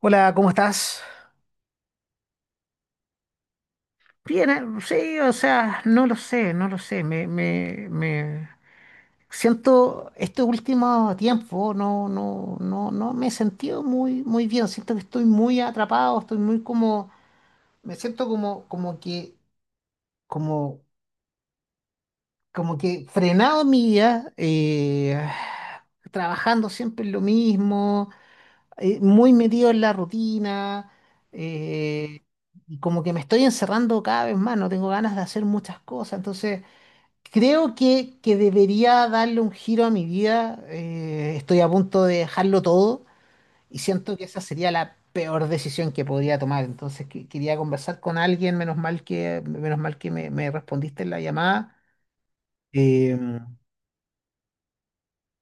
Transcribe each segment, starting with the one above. Hola, ¿cómo estás? Bien, sí, o sea, no lo sé, no lo sé. Me siento este último tiempo, no me he sentido muy, muy bien. Siento que estoy muy atrapado, me siento como, como que frenado en mi vida, trabajando siempre en lo mismo, muy metido en la rutina, eh, y como que me estoy encerrando cada vez más, no tengo ganas de hacer muchas cosas, entonces creo que debería darle un giro a mi vida, estoy a punto de dejarlo todo y siento que esa sería la peor decisión que podría tomar, entonces quería conversar con alguien, menos mal que me respondiste en la llamada. Eh,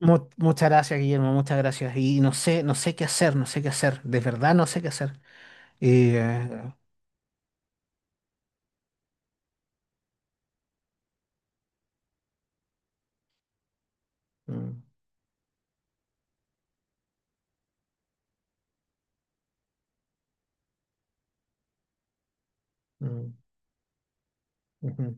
Muchas gracias, Guillermo, muchas gracias. Y no sé, no sé qué hacer, no sé qué hacer. De verdad no sé qué hacer. Y, eh, mm, mm, ujú.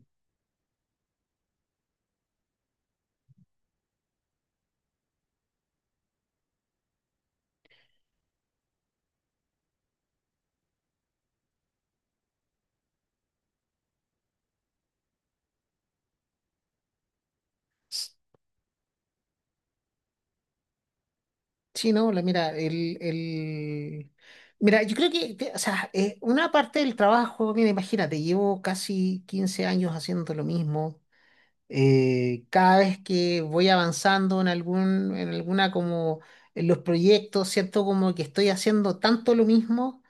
Sí, no, mira, Mira, yo creo que, o sea, una parte del trabajo, mira, imagínate, llevo casi 15 años haciendo lo mismo. Cada vez que voy avanzando en algún, en alguna como, en los proyectos, siento como que estoy haciendo tanto lo mismo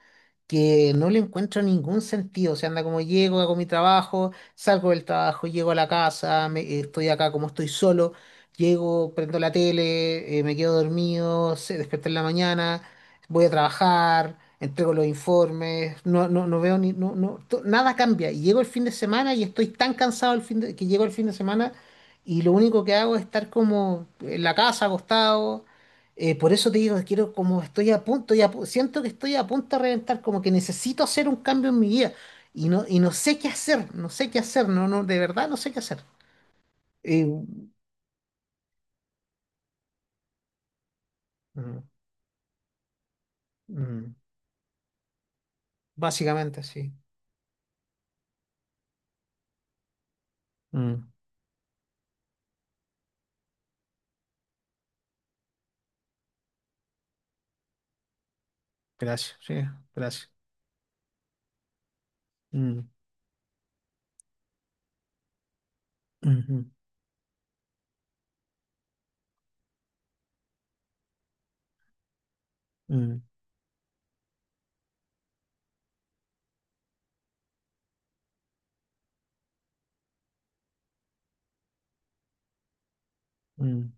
que no le encuentro ningún sentido. O sea, anda como llego, hago mi trabajo, salgo del trabajo, llego a la casa, estoy acá como estoy solo, llego, prendo la tele, me quedo dormido, se despierto en la mañana, voy a trabajar, entrego los informes, no veo ni, nada cambia. Y llego el fin de semana y estoy tan cansado que llego el fin de semana y lo único que hago es estar como en la casa, acostado. Por eso te digo, quiero, como estoy a punto, siento que estoy a punto de reventar, como que necesito hacer un cambio en mi vida. Y no sé qué hacer, no sé qué hacer, no, no, de verdad no sé qué hacer. Eh, mm, mm, básicamente, sí. Mm, gracias, sí, gracias. Mm, ujú, mm, mm,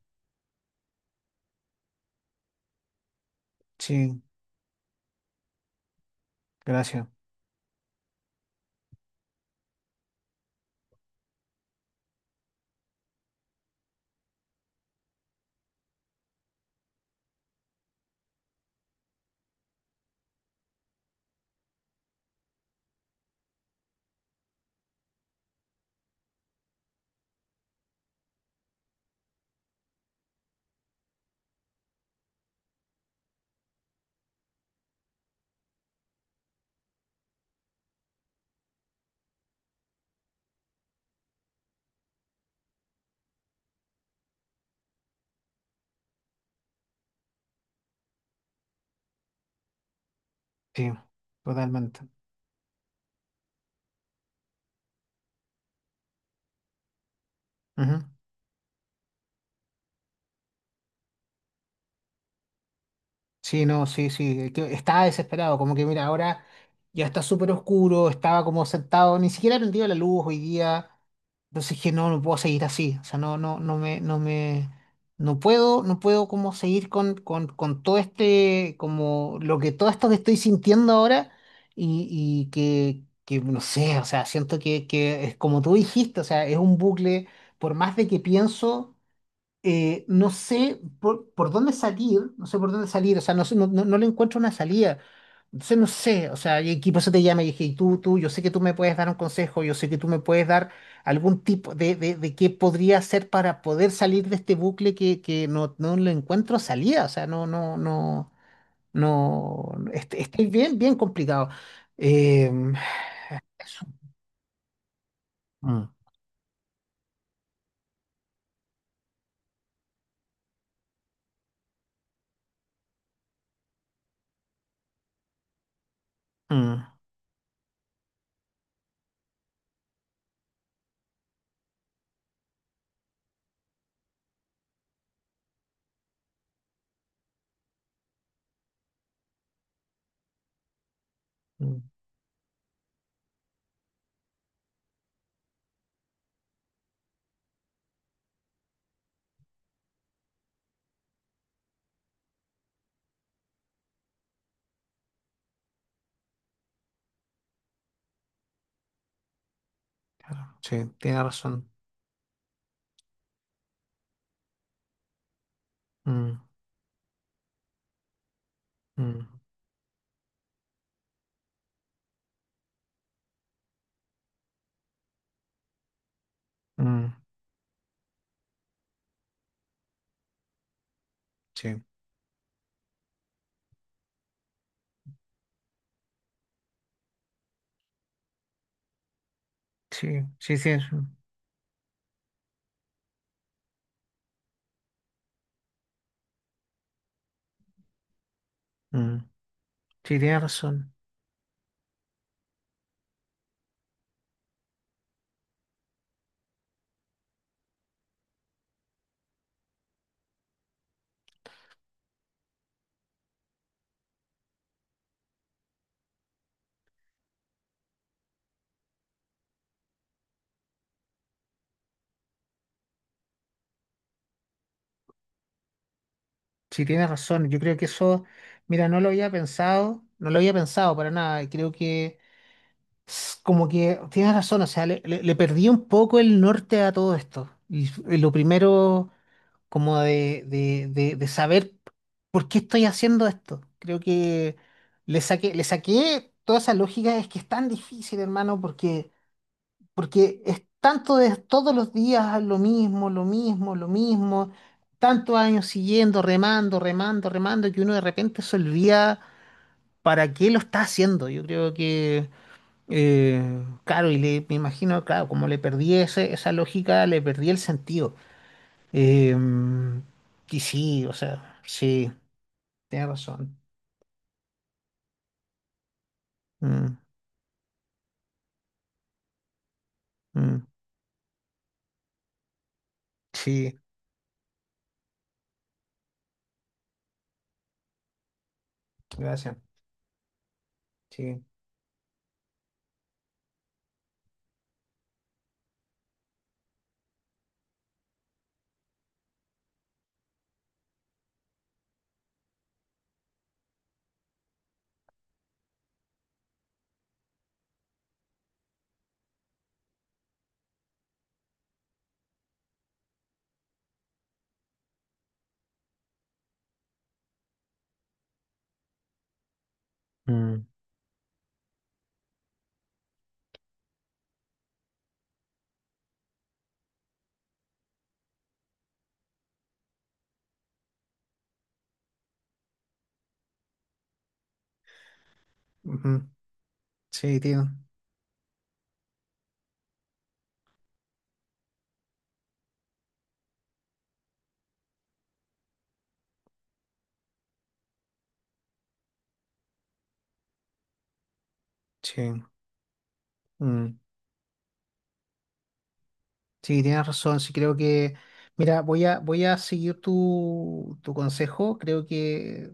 sí, gracias, sí, totalmente. Ujú. Sí, no, sí, sí. El tío estaba desesperado, como que mira, ahora ya está súper oscuro, estaba como sentado, ni siquiera prendido la luz hoy día. Entonces dije, no, no puedo seguir así. O sea, no, no, no me, no me, no puedo, no puedo como seguir con todo este, como lo que todo esto que estoy sintiendo ahora y, y que, no sé, o sea, siento que es como tú dijiste, o sea, es un bucle, por más de que pienso no sé por dónde salir, no sé por dónde salir, o sea, no, sé, no, no, no le encuentro una salida, entonces no sé, o sea, y aquí por eso te llama y dije, y tú, yo sé que tú me puedes dar un consejo, yo sé que tú me puedes dar algún tipo de qué podría hacer para poder salir de este bucle que no, no le encuentro salida, o sea, no, no, no, no, estoy bien, bien complicado. Em, Eso. Mm, mm, mm, claro, sí, tiene razón. Mm, mm, mm, sí. Sí, sí, sí, mm, sí, tiene razón. Sí, tiene razón. Yo creo que eso, mira, no lo había pensado, no lo había pensado para nada. Y creo que como que tienes razón, o sea, le perdí un poco el norte a todo esto. Y lo primero, como de saber por qué estoy haciendo esto. Creo que le saqué toda esa lógica, es que es tan difícil, hermano, porque es tanto de todos los días lo mismo, lo mismo, lo mismo, tantos años siguiendo, remando, remando, remando, que uno de repente se olvida para qué lo está haciendo. Yo creo que, claro, me imagino, claro, como le perdí esa lógica, le perdí el sentido. Eh, y sí, o sea, sí, tienes razón. Mm, mm, sí, gracias. Sí. Mm. Ujú, sí, tío. Sí. Mm. Sí, tienes razón. Sí, creo que, mira, voy a seguir tu consejo. Creo que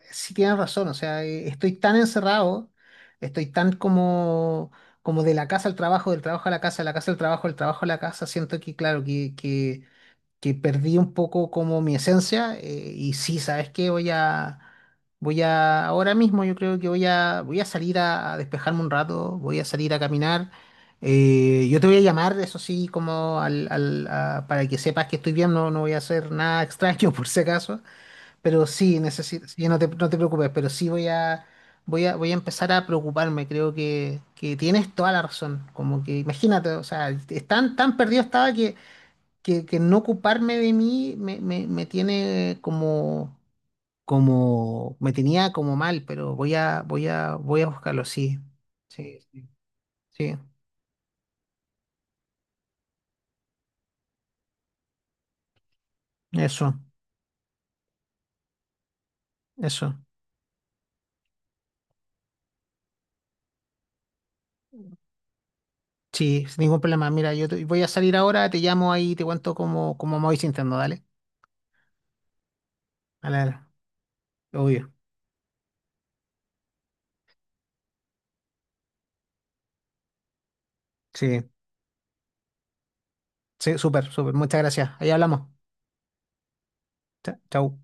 sí tienes razón. O sea, estoy tan encerrado, estoy tan como, como de la casa al trabajo, del trabajo a la casa, de la casa al trabajo, del trabajo a la casa. Siento que, claro, que perdí un poco como mi esencia, y sí, ¿sabes qué? Ahora mismo yo creo que voy a salir a despejarme un rato, voy a salir a caminar. Yo te voy a llamar, eso sí, como para que sepas que estoy bien, no, no voy a hacer nada extraño por si acaso, pero sí, necesito, sí, no te, no te preocupes, pero sí voy a empezar a preocuparme, creo que tienes toda la razón, como que imagínate, o sea, es tan, tan perdido estaba que que no ocuparme de mí me tiene como, me tenía como mal, pero voy a buscarlo, sí. Sí, sí, sí, eso, eso. Sí, sin ningún problema. Mira, voy a salir ahora, te llamo ahí, te cuento cómo me voy sintiendo, dale. Dale, dale. Obvio. Sí, sí, súper, súper. Muchas gracias. Ahí hablamos. Chau.